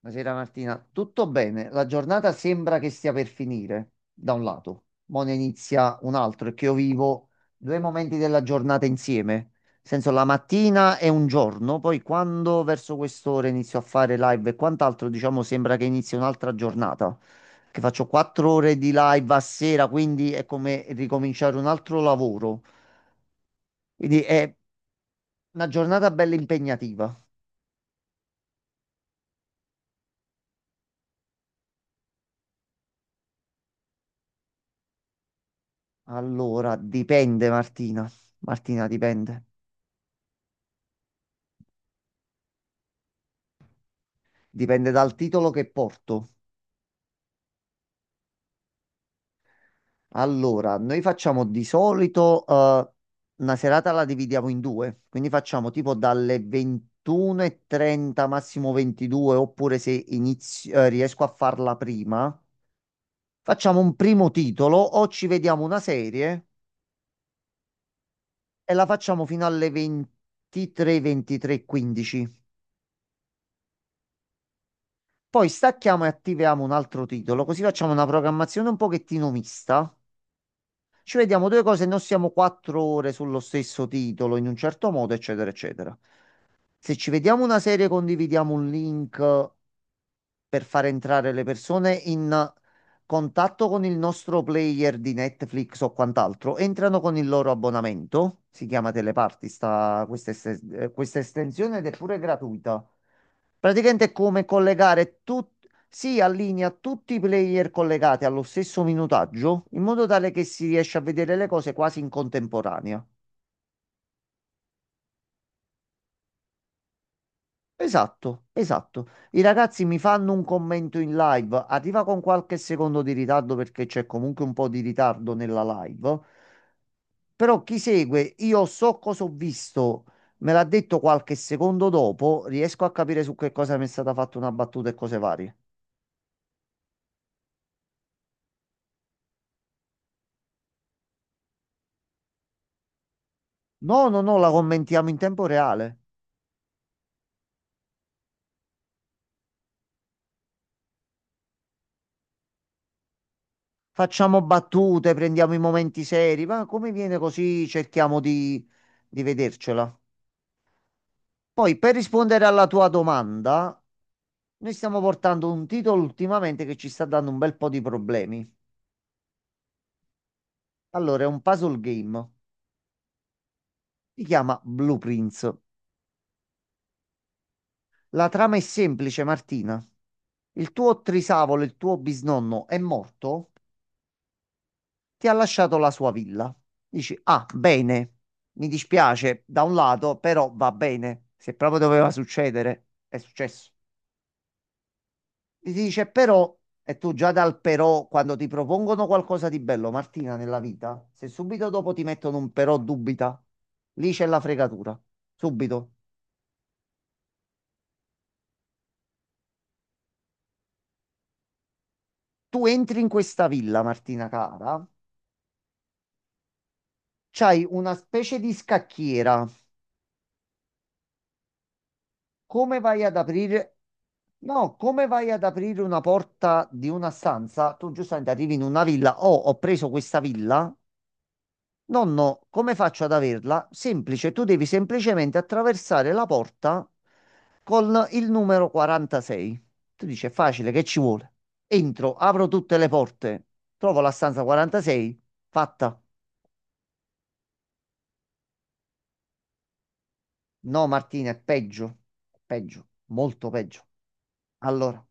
Buonasera Martina, tutto bene? La giornata sembra che stia per finire, da un lato, mo ne inizia un altro, è che io vivo due momenti della giornata insieme, nel senso la mattina è un giorno, poi quando verso quest'ora inizio a fare live e quant'altro, diciamo sembra che inizi un'altra giornata, che faccio quattro ore di live a sera, quindi è come ricominciare un altro lavoro, quindi è una giornata bella impegnativa. Allora, dipende Martina, Martina dipende. Dipende dal titolo che porto. Allora, noi facciamo di solito una serata la dividiamo in due, quindi facciamo tipo dalle 21:30 massimo 22, oppure se inizio- riesco a farla prima, facciamo un primo titolo o ci vediamo una serie e la facciamo fino alle 23, 15. Poi stacchiamo e attiviamo un altro titolo, così facciamo una programmazione un pochettino mista. Ci vediamo due cose, e non siamo quattro ore sullo stesso titolo, in un certo modo, eccetera, eccetera. Se ci vediamo una serie, condividiamo un link per far entrare le persone in contatto con il nostro player di Netflix o quant'altro, entrano con il loro abbonamento, si chiama Teleparty, questa estensione ed è pure gratuita. Praticamente è come collegare tutti, si allinea tutti i player collegati allo stesso minutaggio in modo tale che si riesce a vedere le cose quasi in contemporanea. Esatto, esatto. I ragazzi mi fanno un commento in live, arriva con qualche secondo di ritardo perché c'è comunque un po' di ritardo nella live, però chi segue, io so cosa ho visto, me l'ha detto qualche secondo dopo, riesco a capire su che cosa mi è stata fatta una battuta e cose varie. No, no, no, la commentiamo in tempo reale. Facciamo battute, prendiamo i momenti seri, ma come viene così cerchiamo di vedercela. Poi, per rispondere alla tua domanda, noi stiamo portando un titolo ultimamente che ci sta dando un bel po' di problemi. Allora, è un puzzle game, si chiama Blueprints. La trama è semplice, Martina. Il tuo trisavolo, il tuo bisnonno è morto, ti ha lasciato la sua villa. Dici, ah, bene, mi dispiace da un lato, però va bene. Se proprio doveva succedere, è successo. Ti dice, però, e tu già dal però, quando ti propongono qualcosa di bello, Martina, nella vita, se subito dopo ti mettono un però dubita, lì c'è la fregatura. Subito. Tu entri in questa villa, Martina cara, c'hai una specie di scacchiera, come vai ad aprire? No, come vai ad aprire una porta di una stanza? Tu giustamente arrivi in una villa. Oh, ho preso questa villa. Nonno, come faccio ad averla? Semplice, tu devi semplicemente attraversare la porta con il numero 46. Tu dici, è facile, che ci vuole? Entro, apro tutte le porte, trovo la stanza 46, fatta. No, Martina, è peggio, molto peggio. Allora,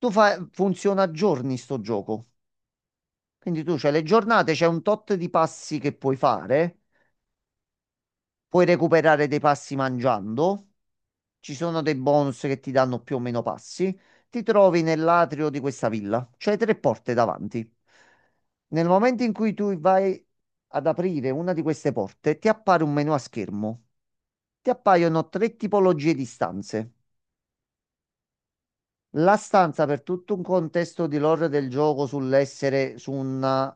tu fai, funziona a giorni sto gioco. Quindi tu c'hai le giornate, c'è un tot di passi che puoi fare, puoi recuperare dei passi mangiando, ci sono dei bonus che ti danno più o meno passi, ti trovi nell'atrio di questa villa, c'hai tre porte davanti. Nel momento in cui tu vai ad aprire una di queste porte, ti appare un menu a schermo. Ti appaiono tre tipologie di stanze. La stanza per tutto un contesto di lore del gioco sull'essere su un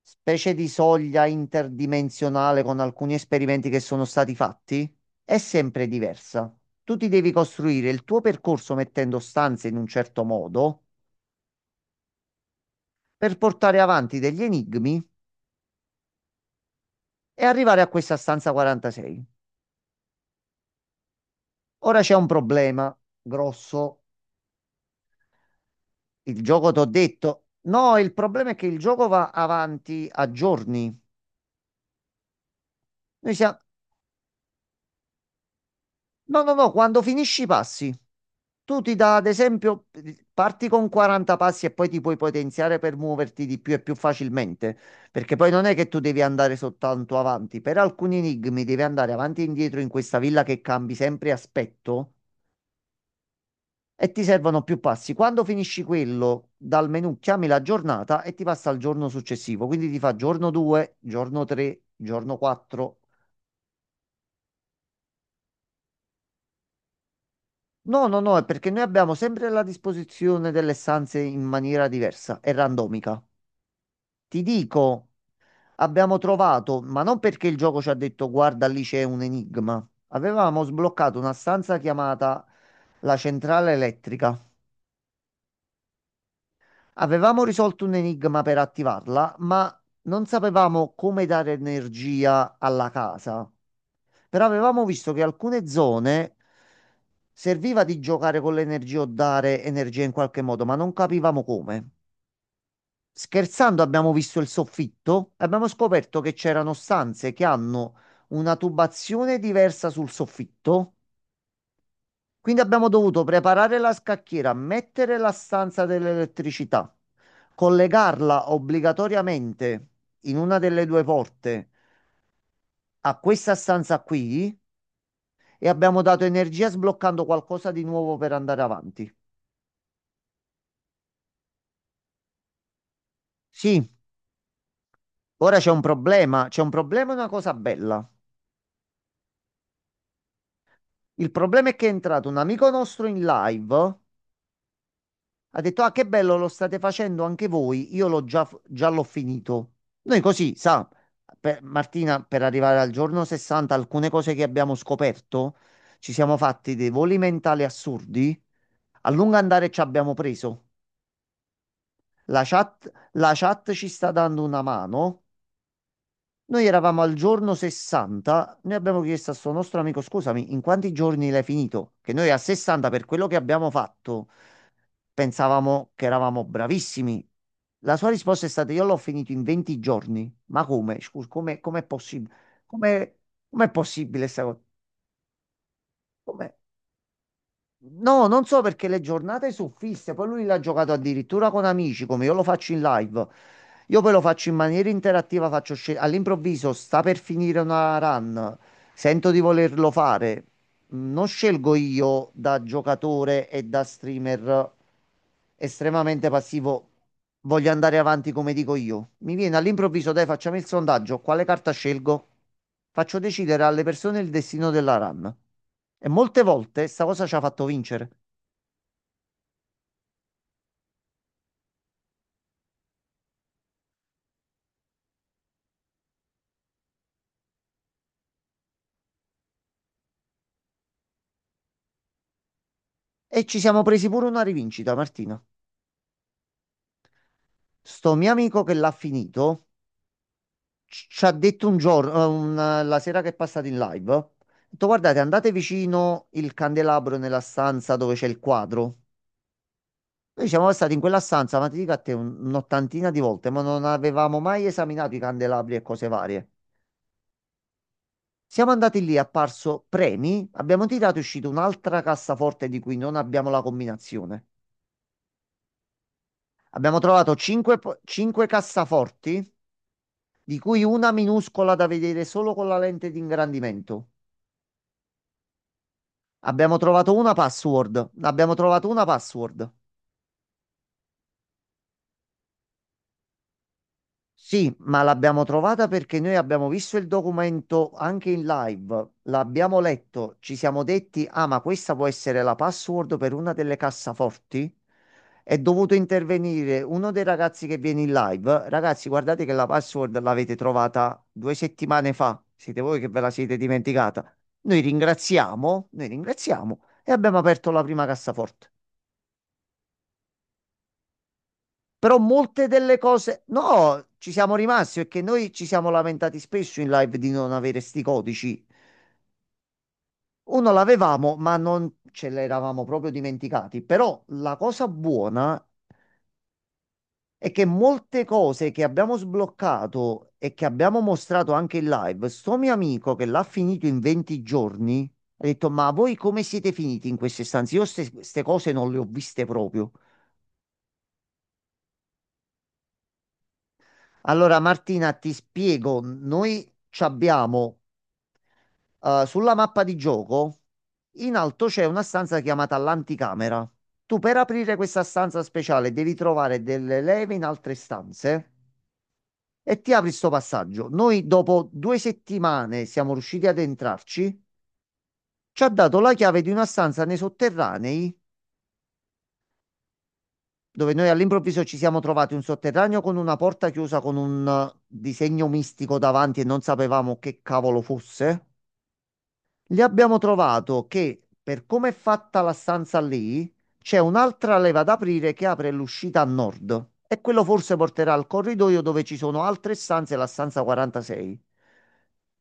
specie di soglia interdimensionale con alcuni esperimenti che sono stati fatti, è sempre diversa. Tu ti devi costruire il tuo percorso mettendo stanze in un certo modo per portare avanti degli enigmi e arrivare a questa stanza 46. Ora c'è un problema grosso. Il gioco t'ho detto. No, il problema è che il gioco va avanti a giorni. Noi siamo, No, no, no, quando finisci i passi, tu ti dà, ad esempio, parti con 40 passi e poi ti puoi potenziare per muoverti di più e più facilmente, perché poi non è che tu devi andare soltanto avanti, per alcuni enigmi devi andare avanti e indietro in questa villa che cambi sempre aspetto e ti servono più passi. Quando finisci quello, dal menu chiami la giornata e ti passa al giorno successivo, quindi ti fa giorno 2, giorno 3, giorno 4. No, no, no, è perché noi abbiamo sempre la disposizione delle stanze in maniera diversa e randomica. Ti dico, abbiamo trovato, ma non perché il gioco ci ha detto guarda lì c'è un enigma. Avevamo sbloccato una stanza chiamata la centrale elettrica. Avevamo risolto un enigma per attivarla, ma non sapevamo come dare energia alla casa. Però avevamo visto che alcune zone serviva di giocare con l'energia o dare energia in qualche modo, ma non capivamo come. Scherzando, abbiamo visto il soffitto e abbiamo scoperto che c'erano stanze che hanno una tubazione diversa sul soffitto. Quindi abbiamo dovuto preparare la scacchiera, mettere la stanza dell'elettricità, collegarla obbligatoriamente in una delle due porte a questa stanza qui e abbiamo dato energia sbloccando qualcosa di nuovo per andare avanti. Sì, ora c'è un problema e una cosa bella. Il problema è che è entrato un amico nostro in live, ha detto, ah, che bello, lo state facendo anche voi, già l'ho finito. Noi così, sa, Martina, per arrivare al giorno 60, alcune cose che abbiamo scoperto, ci siamo fatti dei voli mentali assurdi, a lungo andare ci abbiamo preso. La chat ci sta dando una mano. Noi eravamo al giorno 60, noi abbiamo chiesto a suo nostro amico, scusami, in quanti giorni l'hai finito? Che noi a 60, per quello che abbiamo fatto, pensavamo che eravamo bravissimi. La sua risposta è stata, io l'ho finito in 20 giorni. Ma come? Scusa, come, com'è possibile? Come, com'è possibile questa cosa? Com'è? No, non so perché le giornate sono fisse, poi lui l'ha giocato addirittura con amici, come io lo faccio in live. Io poi lo faccio in maniera interattiva, all'improvviso sta per finire una run, sento di volerlo fare, non scelgo io da giocatore e da streamer estremamente passivo. Voglio andare avanti come dico io. Mi viene all'improvviso, dai, facciamo il sondaggio. Quale carta scelgo? Faccio decidere alle persone il destino della run. E molte volte sta cosa ci ha fatto vincere. E ci siamo presi pure una rivincita, Martina. Sto mio amico che l'ha finito ci ha detto un giorno, la sera che è passata in live, ha detto, guardate, andate vicino il candelabro nella stanza dove c'è il quadro. Noi siamo stati in quella stanza, ma ti dico a te, un'ottantina di volte, ma non avevamo mai esaminato i candelabri e cose varie. Siamo andati lì, è apparso premi, abbiamo tirato e è uscito un'altra cassaforte di cui non abbiamo la combinazione. Abbiamo trovato 5 cassaforti, di cui una minuscola da vedere solo con la lente di ingrandimento. Abbiamo trovato una password. Abbiamo trovato una password. Sì, ma l'abbiamo trovata perché noi abbiamo visto il documento anche in live, l'abbiamo letto, ci siamo detti, ah, ma questa può essere la password per una delle cassaforti. È dovuto intervenire uno dei ragazzi che viene in live. Ragazzi, guardate che la password l'avete trovata due settimane fa. Siete voi che ve la siete dimenticata. Noi ringraziamo, noi ringraziamo, e abbiamo aperto la prima cassaforte. Però molte delle cose, no, ci siamo rimasti perché noi ci siamo lamentati spesso in live di non avere sti codici. Uno l'avevamo, ma non ce l'eravamo proprio dimenticati. Però la cosa buona è che molte cose che abbiamo sbloccato e che abbiamo mostrato anche in live, sto mio amico che l'ha finito in 20 giorni, ha detto: Ma voi come siete finiti in queste stanze? Io queste cose non le ho viste proprio. Allora, Martina, ti spiego, noi ci abbiamo sulla mappa di gioco, in alto c'è una stanza chiamata l'anticamera. Tu per aprire questa stanza speciale devi trovare delle leve in altre stanze e ti apri sto passaggio. Noi dopo due settimane siamo riusciti ad entrarci. Ci ha dato la chiave di una stanza nei sotterranei, dove noi all'improvviso ci siamo trovati un sotterraneo con una porta chiusa con un disegno mistico davanti e non sapevamo che cavolo fosse. Lì abbiamo trovato che per come è fatta la stanza lì, c'è un'altra leva da aprire che apre l'uscita a nord e quello forse porterà al corridoio dove ci sono altre stanze, la stanza 46.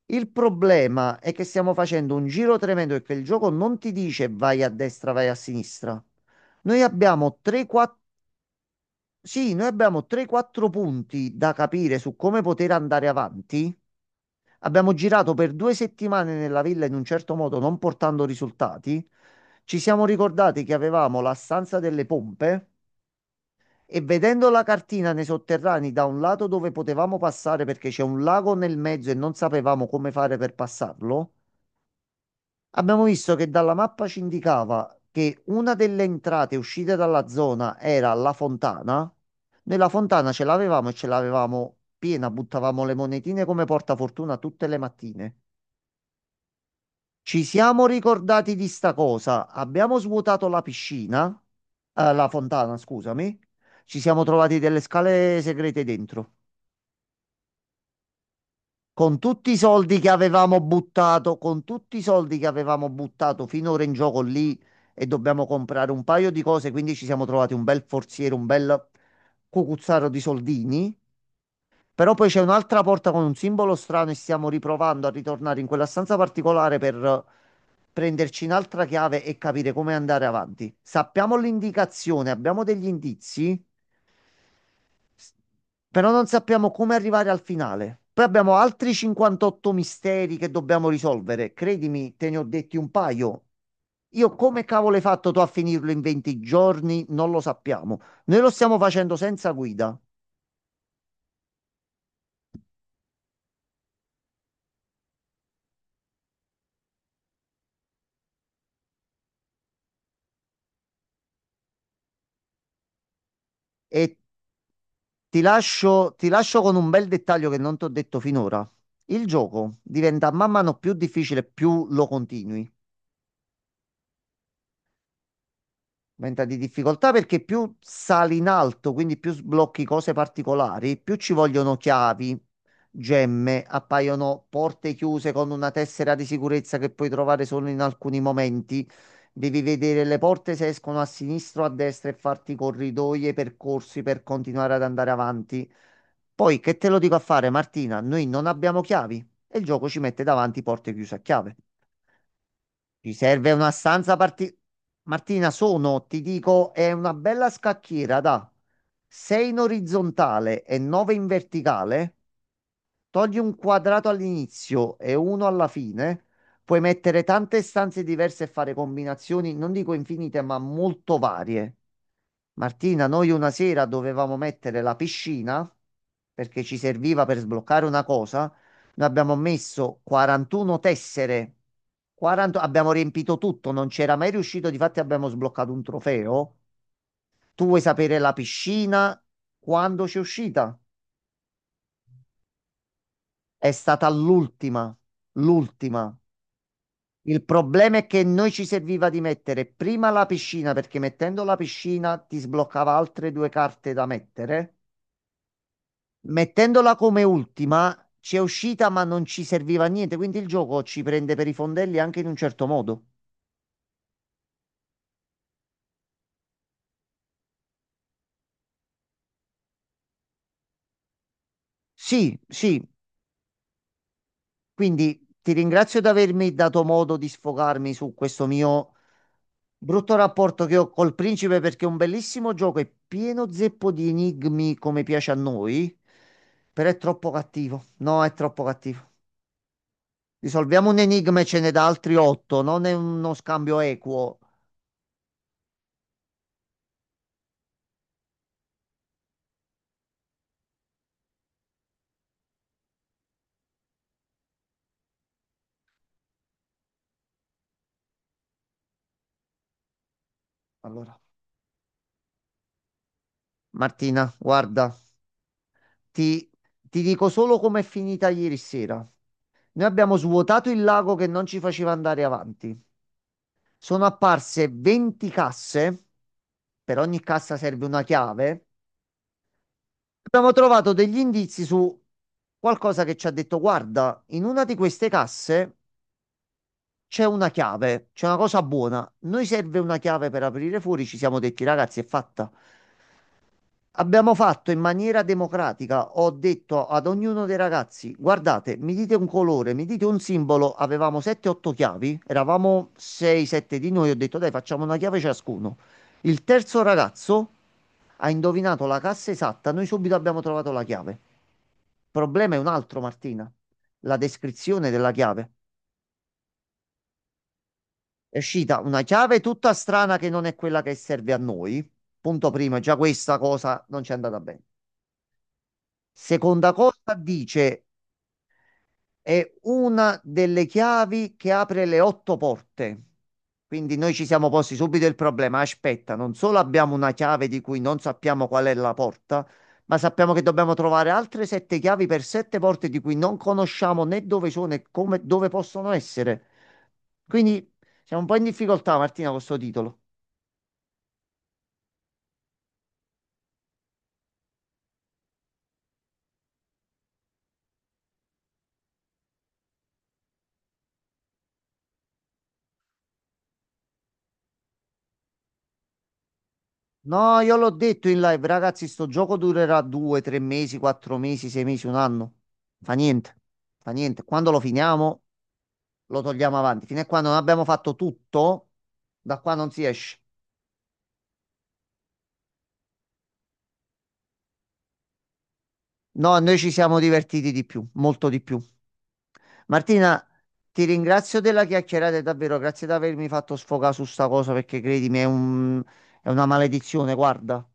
Il problema è che stiamo facendo un giro tremendo e che il gioco non ti dice vai a destra, vai a sinistra. Noi abbiamo 3-4, sì, noi abbiamo 3-4 punti da capire su come poter andare avanti. Abbiamo girato per due settimane nella villa in un certo modo, non portando risultati. Ci siamo ricordati che avevamo la stanza delle pompe e vedendo la cartina nei sotterranei da un lato dove potevamo passare perché c'è un lago nel mezzo e non sapevamo come fare per passarlo, abbiamo visto che dalla mappa ci indicava che una delle entrate e uscite dalla zona era la fontana. Noi la fontana ce l'avevamo e ce l'avevamo piena, buttavamo le monetine come portafortuna tutte le mattine. Ci siamo ricordati di sta cosa. Abbiamo svuotato la piscina, la fontana, scusami. Ci siamo trovati delle scale segrete dentro. Con tutti i soldi che avevamo buttato finora in gioco lì e dobbiamo comprare un paio di cose, quindi ci siamo trovati un bel forziere, un bel cucuzzaro di soldini. Però poi c'è un'altra porta con un simbolo strano e stiamo riprovando a ritornare in quella stanza particolare per prenderci un'altra chiave e capire come andare avanti. Sappiamo l'indicazione, abbiamo degli indizi, s- però non sappiamo come arrivare al finale. Poi abbiamo altri 58 misteri che dobbiamo risolvere. Credimi, te ne ho detti un paio. Io come cavolo hai fatto tu a finirlo in 20 giorni? Non lo sappiamo. Noi lo stiamo facendo senza guida. E ti lascio con un bel dettaglio che non ti ho detto finora. Il gioco diventa man mano più difficile più lo continui. Aumenta di difficoltà perché più sali in alto, quindi più sblocchi cose particolari, più ci vogliono chiavi, gemme, appaiono porte chiuse con una tessera di sicurezza che puoi trovare solo in alcuni momenti. Devi vedere le porte se escono a sinistra o a destra e farti corridoi e percorsi per continuare ad andare avanti. Poi, che te lo dico a fare, Martina? Noi non abbiamo chiavi e il gioco ci mette davanti porte chiuse a chiave. Ti serve una stanza Martina, ti dico, è una bella scacchiera da 6 in orizzontale e 9 in verticale. Togli un quadrato all'inizio e uno alla fine, puoi mettere tante stanze diverse e fare combinazioni, non dico infinite, ma molto varie. Martina, noi una sera dovevamo mettere la piscina perché ci serviva per sbloccare una cosa. Noi abbiamo messo 41 tessere, 40 abbiamo riempito tutto, non c'era mai riuscito, difatti abbiamo sbloccato un trofeo. Tu vuoi sapere la piscina quando c'è uscita? È stata l'ultima, l'ultima. Il problema è che noi ci serviva di mettere prima la piscina, perché mettendo la piscina ti sbloccava altre due carte da mettere. Mettendola come ultima ci è uscita, ma non ci serviva a niente, quindi il gioco ci prende per i fondelli anche in un certo modo. Sì, sì, quindi ti ringrazio di avermi dato modo di sfogarmi su questo mio brutto rapporto che ho col principe perché è un bellissimo gioco, è pieno zeppo di enigmi come piace a noi, però è troppo cattivo. No, è troppo cattivo. Risolviamo un enigma e ce n'è da altri otto, non è uno scambio equo. Allora, Martina, guarda, ti, ti dico solo com'è finita ieri sera. Noi abbiamo svuotato il lago che non ci faceva andare avanti. Sono apparse 20 casse, per ogni cassa serve una chiave. Abbiamo trovato degli indizi su qualcosa che ci ha detto, guarda, in una di queste casse c'è una chiave, c'è una cosa buona. Noi serve una chiave per aprire fuori, ci siamo detti, ragazzi, è fatta. Abbiamo fatto in maniera democratica, ho detto ad ognuno dei ragazzi, guardate, mi dite un colore, mi dite un simbolo, avevamo 7-8 chiavi, eravamo 6-7 di noi, ho detto dai facciamo una chiave ciascuno. Il terzo ragazzo ha indovinato la cassa esatta, noi subito abbiamo trovato la chiave. Il problema è un altro, Martina, la descrizione della chiave. È uscita una chiave tutta strana che non è quella che serve a noi. Punto primo, già questa cosa non ci è andata bene. Seconda cosa, dice: È una delle chiavi che apre le otto porte. Quindi noi ci siamo posti subito il problema. Aspetta, non solo abbiamo una chiave di cui non sappiamo qual è la porta, ma sappiamo che dobbiamo trovare altre sette chiavi per sette porte di cui non conosciamo né dove sono e come, dove possono essere. Quindi siamo un po' in difficoltà, Martina, con questo titolo. No, io l'ho detto in live, ragazzi, sto gioco durerà due, tre mesi, quattro mesi, sei mesi, un anno. Fa niente, fa niente. Quando lo finiamo, lo togliamo avanti. Fino a quando non abbiamo fatto tutto, da qua non si esce. No, noi ci siamo divertiti di più, molto di più. Martina, ti ringrazio della chiacchierata, e davvero, grazie di avermi fatto sfogare su sta cosa perché credimi, è una maledizione, guarda.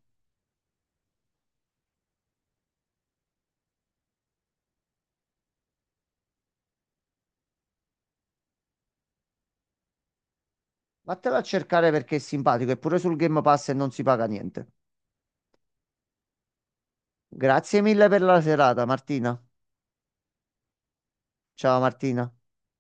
Vattela a cercare perché è simpatico e pure sul Game Pass e non si paga niente. Grazie mille per la serata, Martina. Ciao Martina.